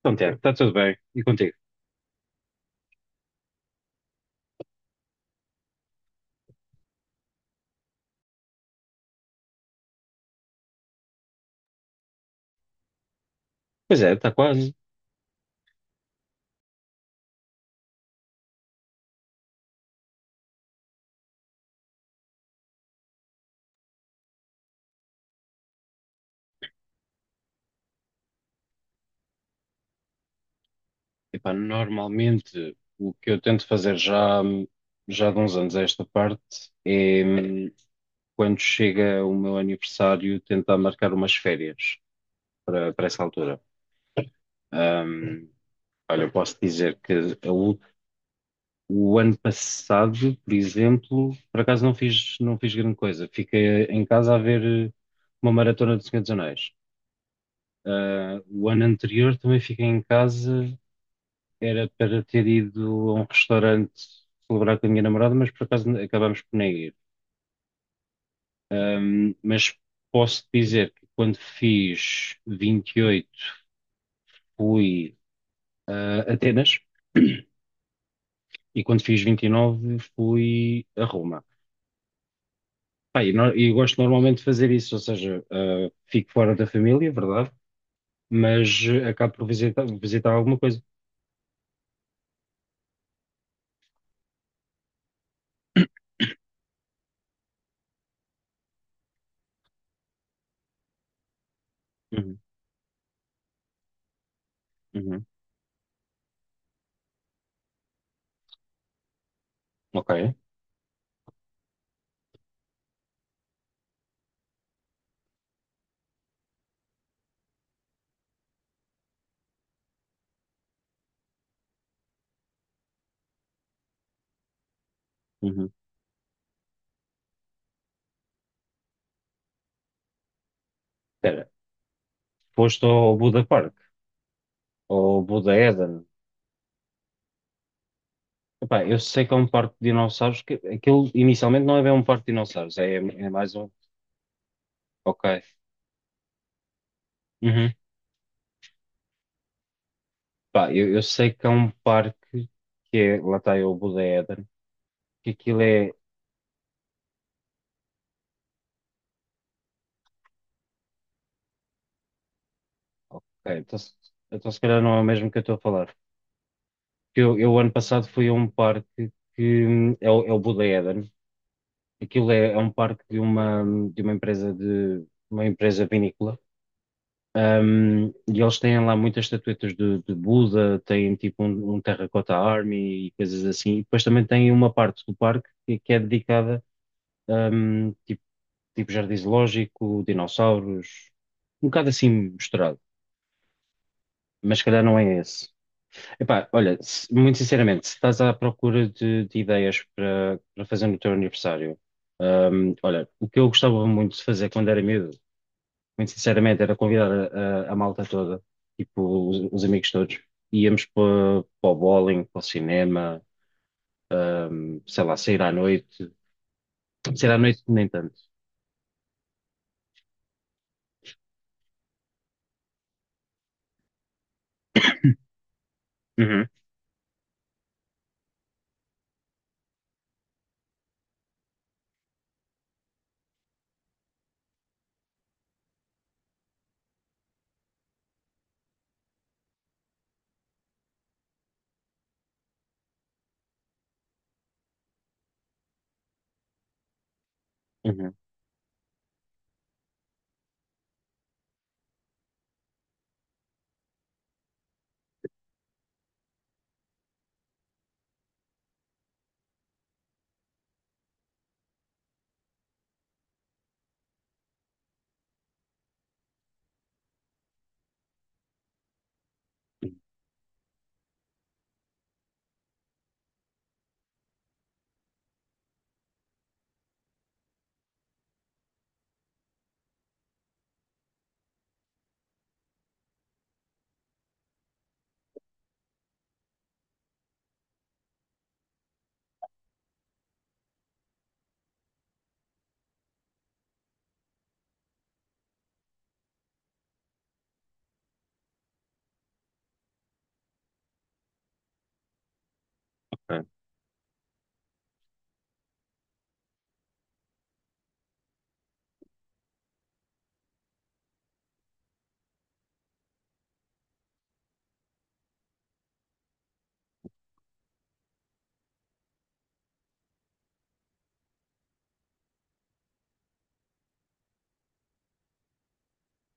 Então, Tiago, está tudo bem. E contigo? Pois é, está quase. Epá, normalmente o que eu tento fazer já de uns anos a esta parte é quando chega o meu aniversário tentar marcar umas férias para essa altura. Hum, Olha, eu posso dizer que o, o ano passado, por exemplo, por acaso não fiz grande coisa. Fiquei em casa a ver eh, uma maratona do Senhor dos Anéis. Ah, o ano anterior também fiquei em casa. Era para ter ido a um restaurante celebrar com a minha namorada, mas por acaso acabámos por nem ir. Mas posso dizer que quando fiz 28 fui a Atenas e quando fiz 29 fui a Roma. Pá, e no- e gosto normalmente de fazer isso, ou seja, ah, fico fora da família, é verdade, mas acabo por visitar alguma coisa. Uhum, uhum, ok. Uhum. Espera, foste ao Buda Park, ao Buda Eden. Epá, eu sei que é um parque de dinossauros, que aquilo inicialmente não é bem um parque de dinossauros, é mais um. Ok. Uhum. Pá, eu sei que é um parque que é, lá está é o Buda Éden, que aquilo é. Ok, então, então se calhar não é o mesmo que eu estou a falar. Que eu ano passado fui a um parque que é o Buda Éden, aquilo é um parque de uma empresa vinícola. E eles têm lá muitas estatuetas de Buda, têm tipo um Terracotta Army e coisas assim. E depois também tem uma parte do parque que é dedicada um, tipo, tipo jardim zoológico, dinossauros, um bocado assim misturado. Mas se calhar não é esse. Epá, olha, muito sinceramente, se estás à procura de ideias para fazer no teu aniversário, olha, o que eu gostava muito de fazer quando era miúdo muito sinceramente, era convidar a malta toda, tipo, os amigos todos. Íamos para o bowling, para o cinema, sei lá, sair à noite. Sair à noite nem tanto. Uhum, uhum, ok,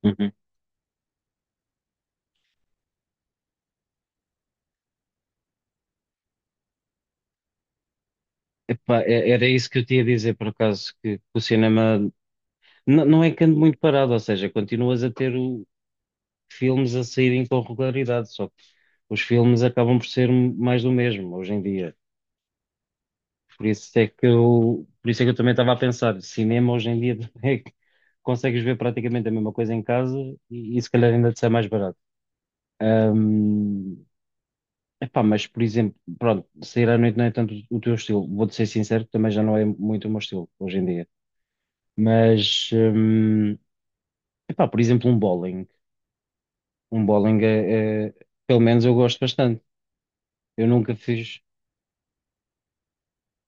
uhum. Epá, era isso que eu tinha a dizer, por acaso, que o cinema não é que ande muito parado, ou seja, continuas a ter filmes a saírem com regularidade, só que os filmes acabam por ser mais do mesmo hoje em dia. Por isso é que eu, por isso é que eu também estava a pensar, cinema hoje em dia é que consegues ver praticamente a mesma coisa em casa e se calhar ainda te sai mais barato. Hum, Epá, mas por exemplo, pronto, sair à noite não é tanto o teu estilo. Vou-te ser sincero, que também já não é muito o meu estilo hoje em dia. Mas, epá, por exemplo, um bowling. Um bowling é. Pelo menos eu gosto bastante. Eu nunca fiz,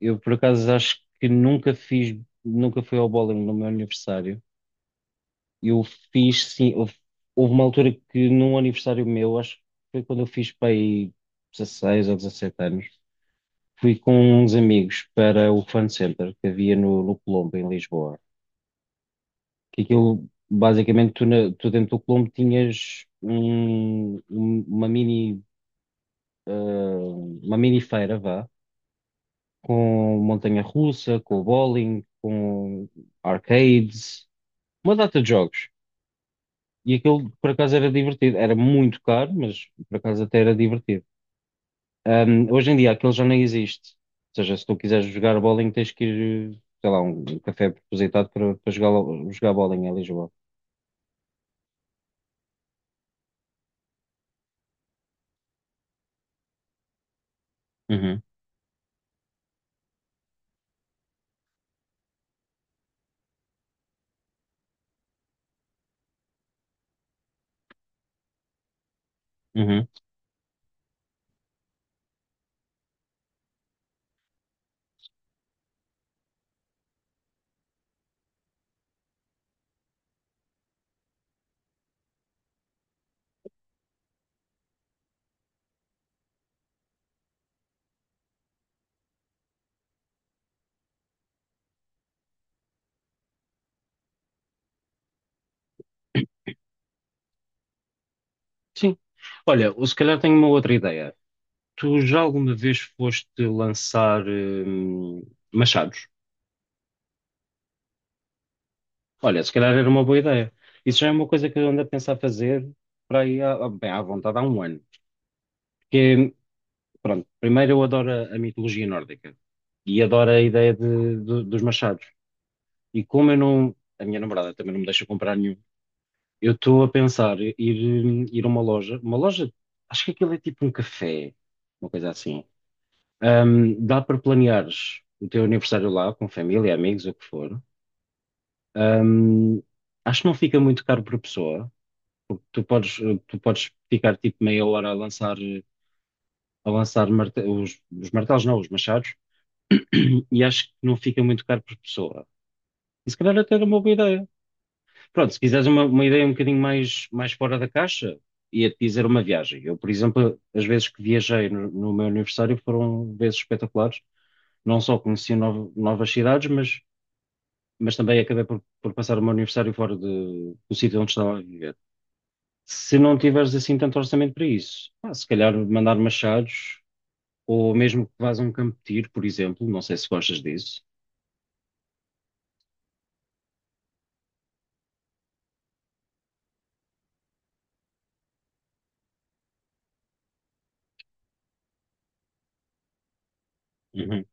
eu por acaso acho que nunca fiz, nunca fui ao bowling no meu aniversário. Eu fiz, sim, houve uma altura que num aniversário meu, acho que foi quando eu fiz para aí 16 ou 17 anos, fui com uns amigos para o Fun Center que havia no Colombo, em Lisboa. Que aquilo, basicamente, tu dentro do Colombo tinhas uma mini, ah, uma mini feira, vá, com montanha-russa, com bowling, com arcades, uma data de jogos. E aquilo por acaso era divertido. Era muito caro, mas por acaso até era divertido. Hoje em dia aquilo já nem existe. Ou seja, se tu quiseres jogar bowling, tens que ir, sei lá, um café propositado para jogar, jogar bowling em Lisboa. Uhum, uhum. Sim. Olha, ou se calhar tenho uma outra ideia. Tu já alguma vez foste lançar machados? Olha, se calhar era uma boa ideia. Isso já é uma coisa que eu ando a pensar fazer para aí, bem, à vontade há um ano. Pronto, primeiro eu adoro a mitologia nórdica e adoro a ideia dos machados. E como eu não, a minha namorada também não me deixa comprar nenhum, eu estou a pensar ir, ir a uma loja, acho que aquilo é tipo um café, uma coisa assim. Dá para planeares o teu aniversário lá, com família, amigos, o que for. Ahm, Acho que não fica muito caro por pessoa, porque tu podes ficar tipo meia hora a lançar, os martelos, não, os machados e acho que não fica muito caro por pessoa. E se calhar até era uma boa ideia. Pronto, se quiseres uma ideia um bocadinho mais fora da caixa, ia-te dizer uma viagem. Eu, por exemplo, as vezes que viajei no meu aniversário foram vezes espetaculares. Não só conheci novas cidades, mas também acabei por passar o meu aniversário fora do sítio onde estava a viver. Se não tiveres assim tanto orçamento para isso, pá, se calhar mandar machados ou mesmo que vás a um campo de tiro, por exemplo. Não sei se gostas disso. Uhum.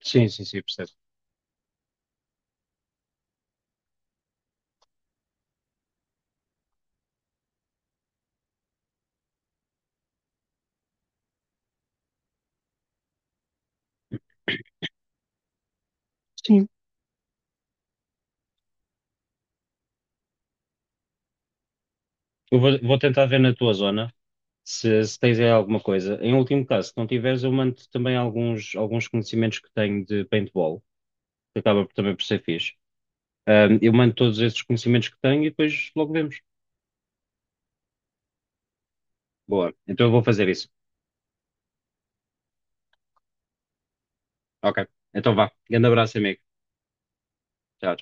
Sim, sim, sim, percebo. Eu vou, vou tentar ver na tua zona se, se tens aí alguma coisa. Em último caso, se não tiveres, eu mando também alguns conhecimentos que tenho de paintball, que acaba também por ser fixe. Eu mando todos esses conhecimentos que tenho e depois logo vemos. Boa, então eu vou fazer isso. Ok, então vá. Grande abraço, amigo. Tchau.